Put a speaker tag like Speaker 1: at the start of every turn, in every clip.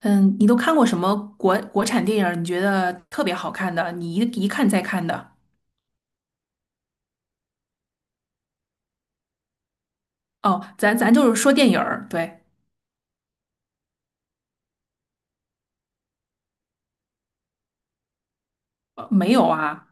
Speaker 1: 嗯，你都看过什么国产电影儿你觉得特别好看的，你一看再看的？哦，咱就是说电影儿对，没有啊，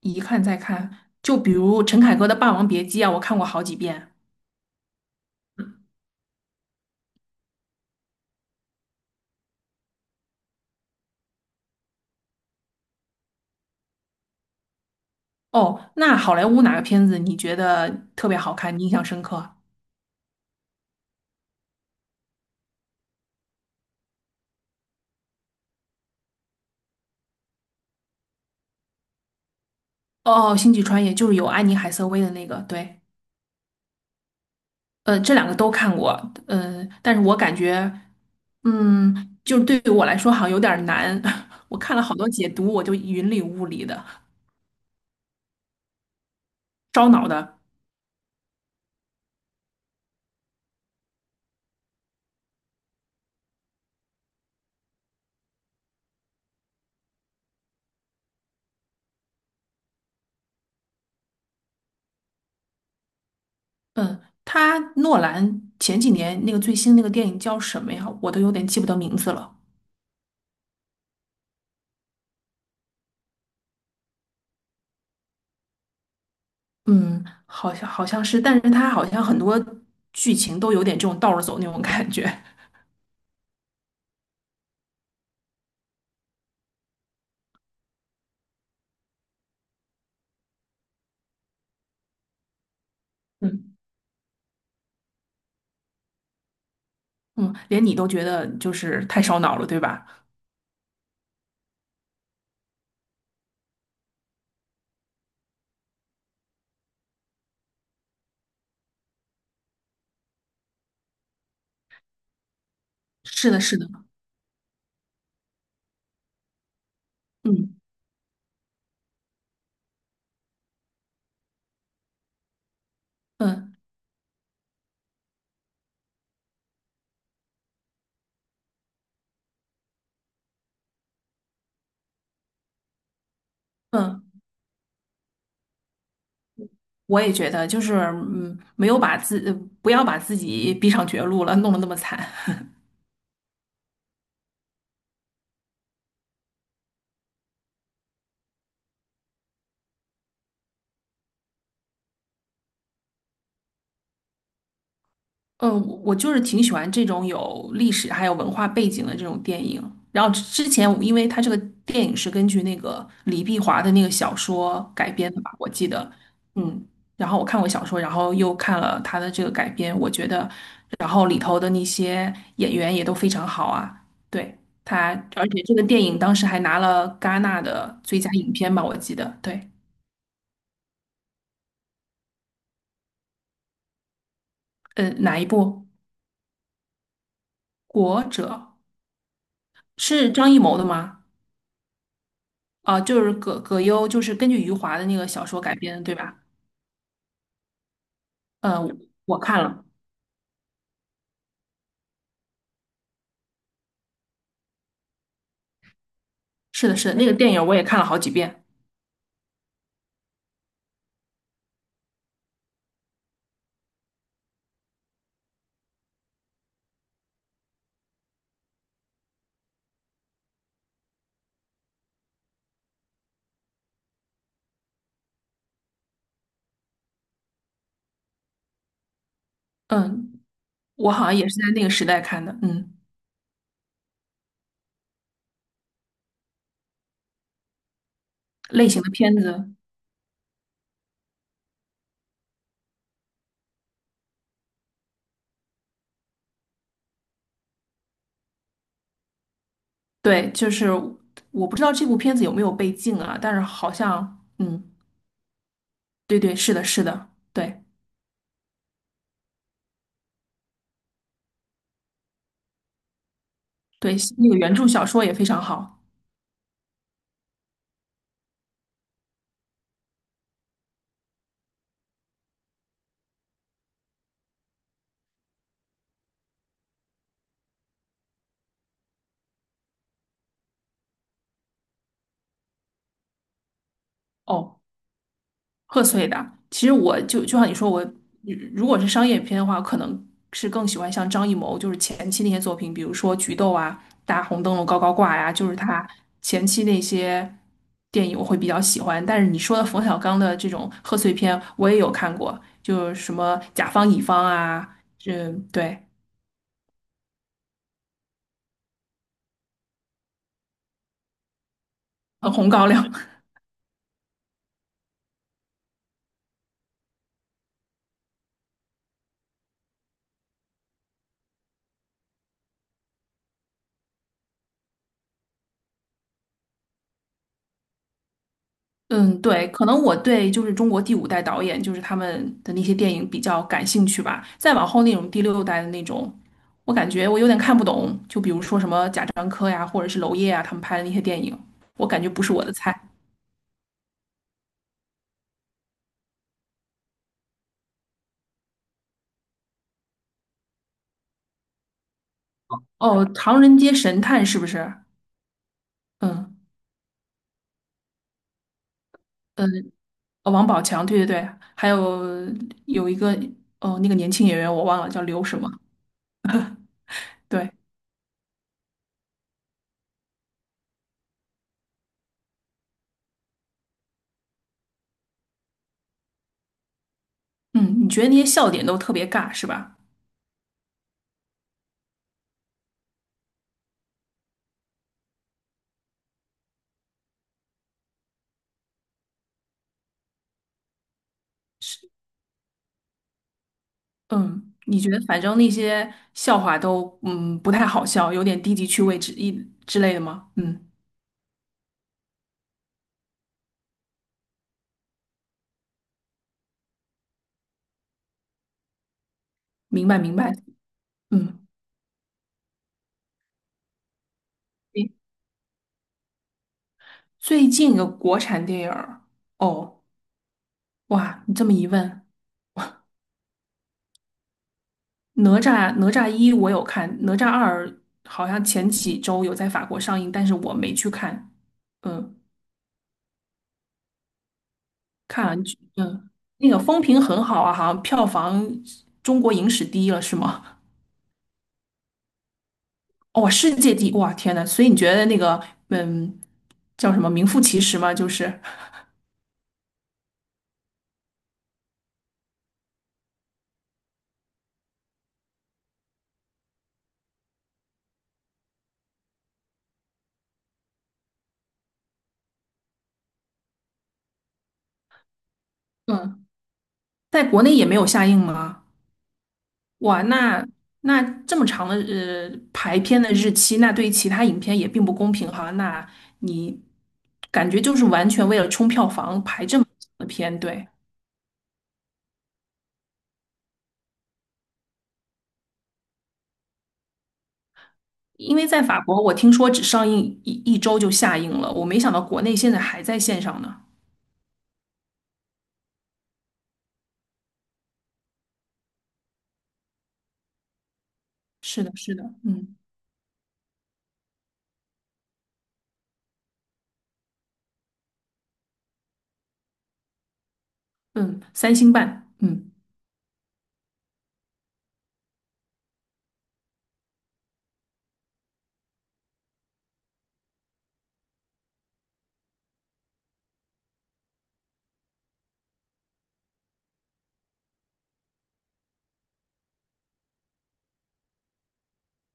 Speaker 1: 一看再看。就比如陈凯歌的《霸王别姬》啊，我看过好几遍。哦，那好莱坞哪个片子你觉得特别好看，你印象深刻？哦，《星际穿越》就是有安妮海瑟薇的那个，对，这两个都看过，嗯、但是我感觉，嗯，就是对于我来说好像有点儿难，我看了好多解读，我就云里雾里的。烧脑的。嗯，他诺兰前几年那个最新那个电影叫什么呀？我都有点记不得名字了。嗯，好像是，但是他好像很多剧情都有点这种倒着走那种感觉。嗯 嗯，连你都觉得就是太烧脑了，对吧？是的，是的。嗯嗯嗯，我也觉得，就是嗯，没有把自呃不要把自己逼上绝路了，弄得那么惨。嗯，我就是挺喜欢这种有历史还有文化背景的这种电影。然后之前我因为它这个电影是根据那个李碧华的那个小说改编的吧，我记得，嗯。然后我看过小说，然后又看了他的这个改编，我觉得，然后里头的那些演员也都非常好啊。对，他，而且这个电影当时还拿了戛纳的最佳影片吧，我记得。对，呃，哪一部？《国者》是张艺谋的吗？啊、就是葛优，就是根据余华的那个小说改编的，对吧？嗯、我看了，是的，是的，那个电影我也看了好几遍。嗯，我好像也是在那个时代看的。嗯，类型的片子，对，就是我不知道这部片子有没有被禁啊，但是好像，嗯，对对，是的，是的，对对，那个原著小说也非常好。哦。贺岁的。其实我就像你说，我如果是商业片的话，可能是更喜欢像张艺谋，就是前期那些作品，比如说《菊豆》啊、《大红灯笼高高挂》呀，就是他前期那些电影我会比较喜欢。但是你说的冯小刚的这种贺岁片，我也有看过，就是什么《甲方乙方》啊，这对，呃《红高粱》嗯，对，可能我对就是中国第五代导演，就是他们的那些电影比较感兴趣吧。再往后那种第六代的那种，我感觉我有点看不懂。就比如说什么贾樟柯呀，或者是娄烨啊，他们拍的那些电影，我感觉不是我的菜。哦，《唐人街神探》是不是？嗯嗯，呃王宝强，对对对，还有有一个哦，那个年轻演员我忘了叫刘什么。对，嗯，你觉得那些笑点都特别尬是吧？嗯，你觉得反正那些笑话都嗯不太好笑，有点低级趣味之一之类的吗？嗯，明白明白。嗯，诶最近的国产电影儿，哦，哇，你这么一问，哪吒哪吒一我有看，哪吒二好像前几周有在法国上映，但是我没去看。嗯，看完嗯，那个风评很好啊，好像票房中国影史第一了，是吗？哦，世界第一，哇，天呐，所以你觉得那个，嗯，叫什么名副其实吗？就是，嗯，在国内也没有下映吗？哇，那那这么长的呃排片的日期，那对于其他影片也并不公平哈。那你感觉就是完全为了冲票房排这么长的片，对？因为在法国，我听说只上映一周就下映了，我没想到国内现在还在线上呢。是的，是的，嗯嗯，三星半，嗯。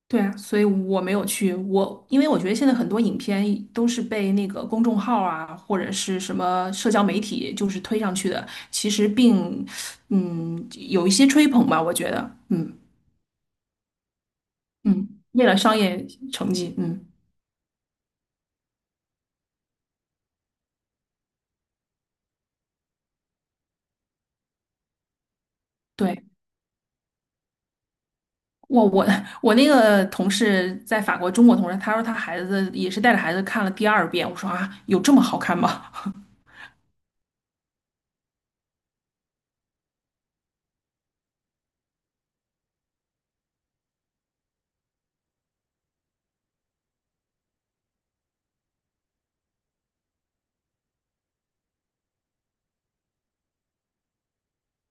Speaker 1: 对啊，所以我没有去。我因为我觉得现在很多影片都是被那个公众号啊，或者是什么社交媒体就是推上去的，其实并嗯有一些吹捧吧，我觉得，嗯嗯，为了商业成绩，嗯，对。我 我那个同事在法国，中国同事，他说他孩子也是带着孩子看了第二遍。我说啊，有这么好看吗？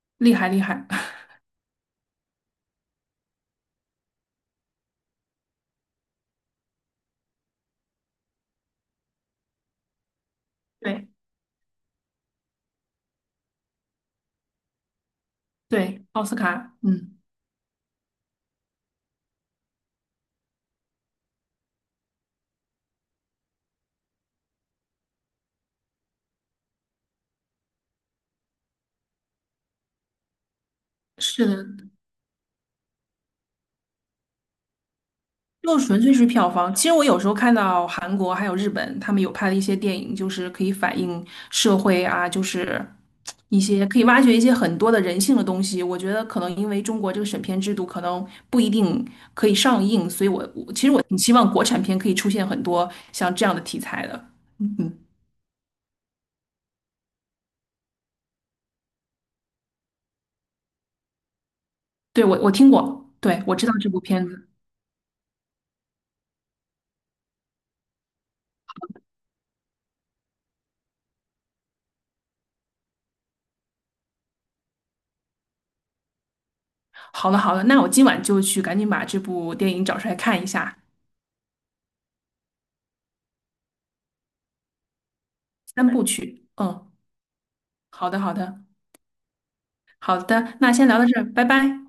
Speaker 1: 厉害厉害，对对，奥斯卡，嗯，是的，就纯粹是票房。其实我有时候看到韩国还有日本，他们有拍的一些电影，就是可以反映社会啊，就是一些可以挖掘一些很多的人性的东西。我觉得可能因为中国这个审片制度可能不一定可以上映，所以我其实我挺希望国产片可以出现很多像这样的题材的。嗯嗯，对，我听过，对，我知道这部片子。好了好了，那我今晚就去赶紧把这部电影找出来看一下，三部曲。嗯，好的好的。好的，那先聊到这儿，拜拜。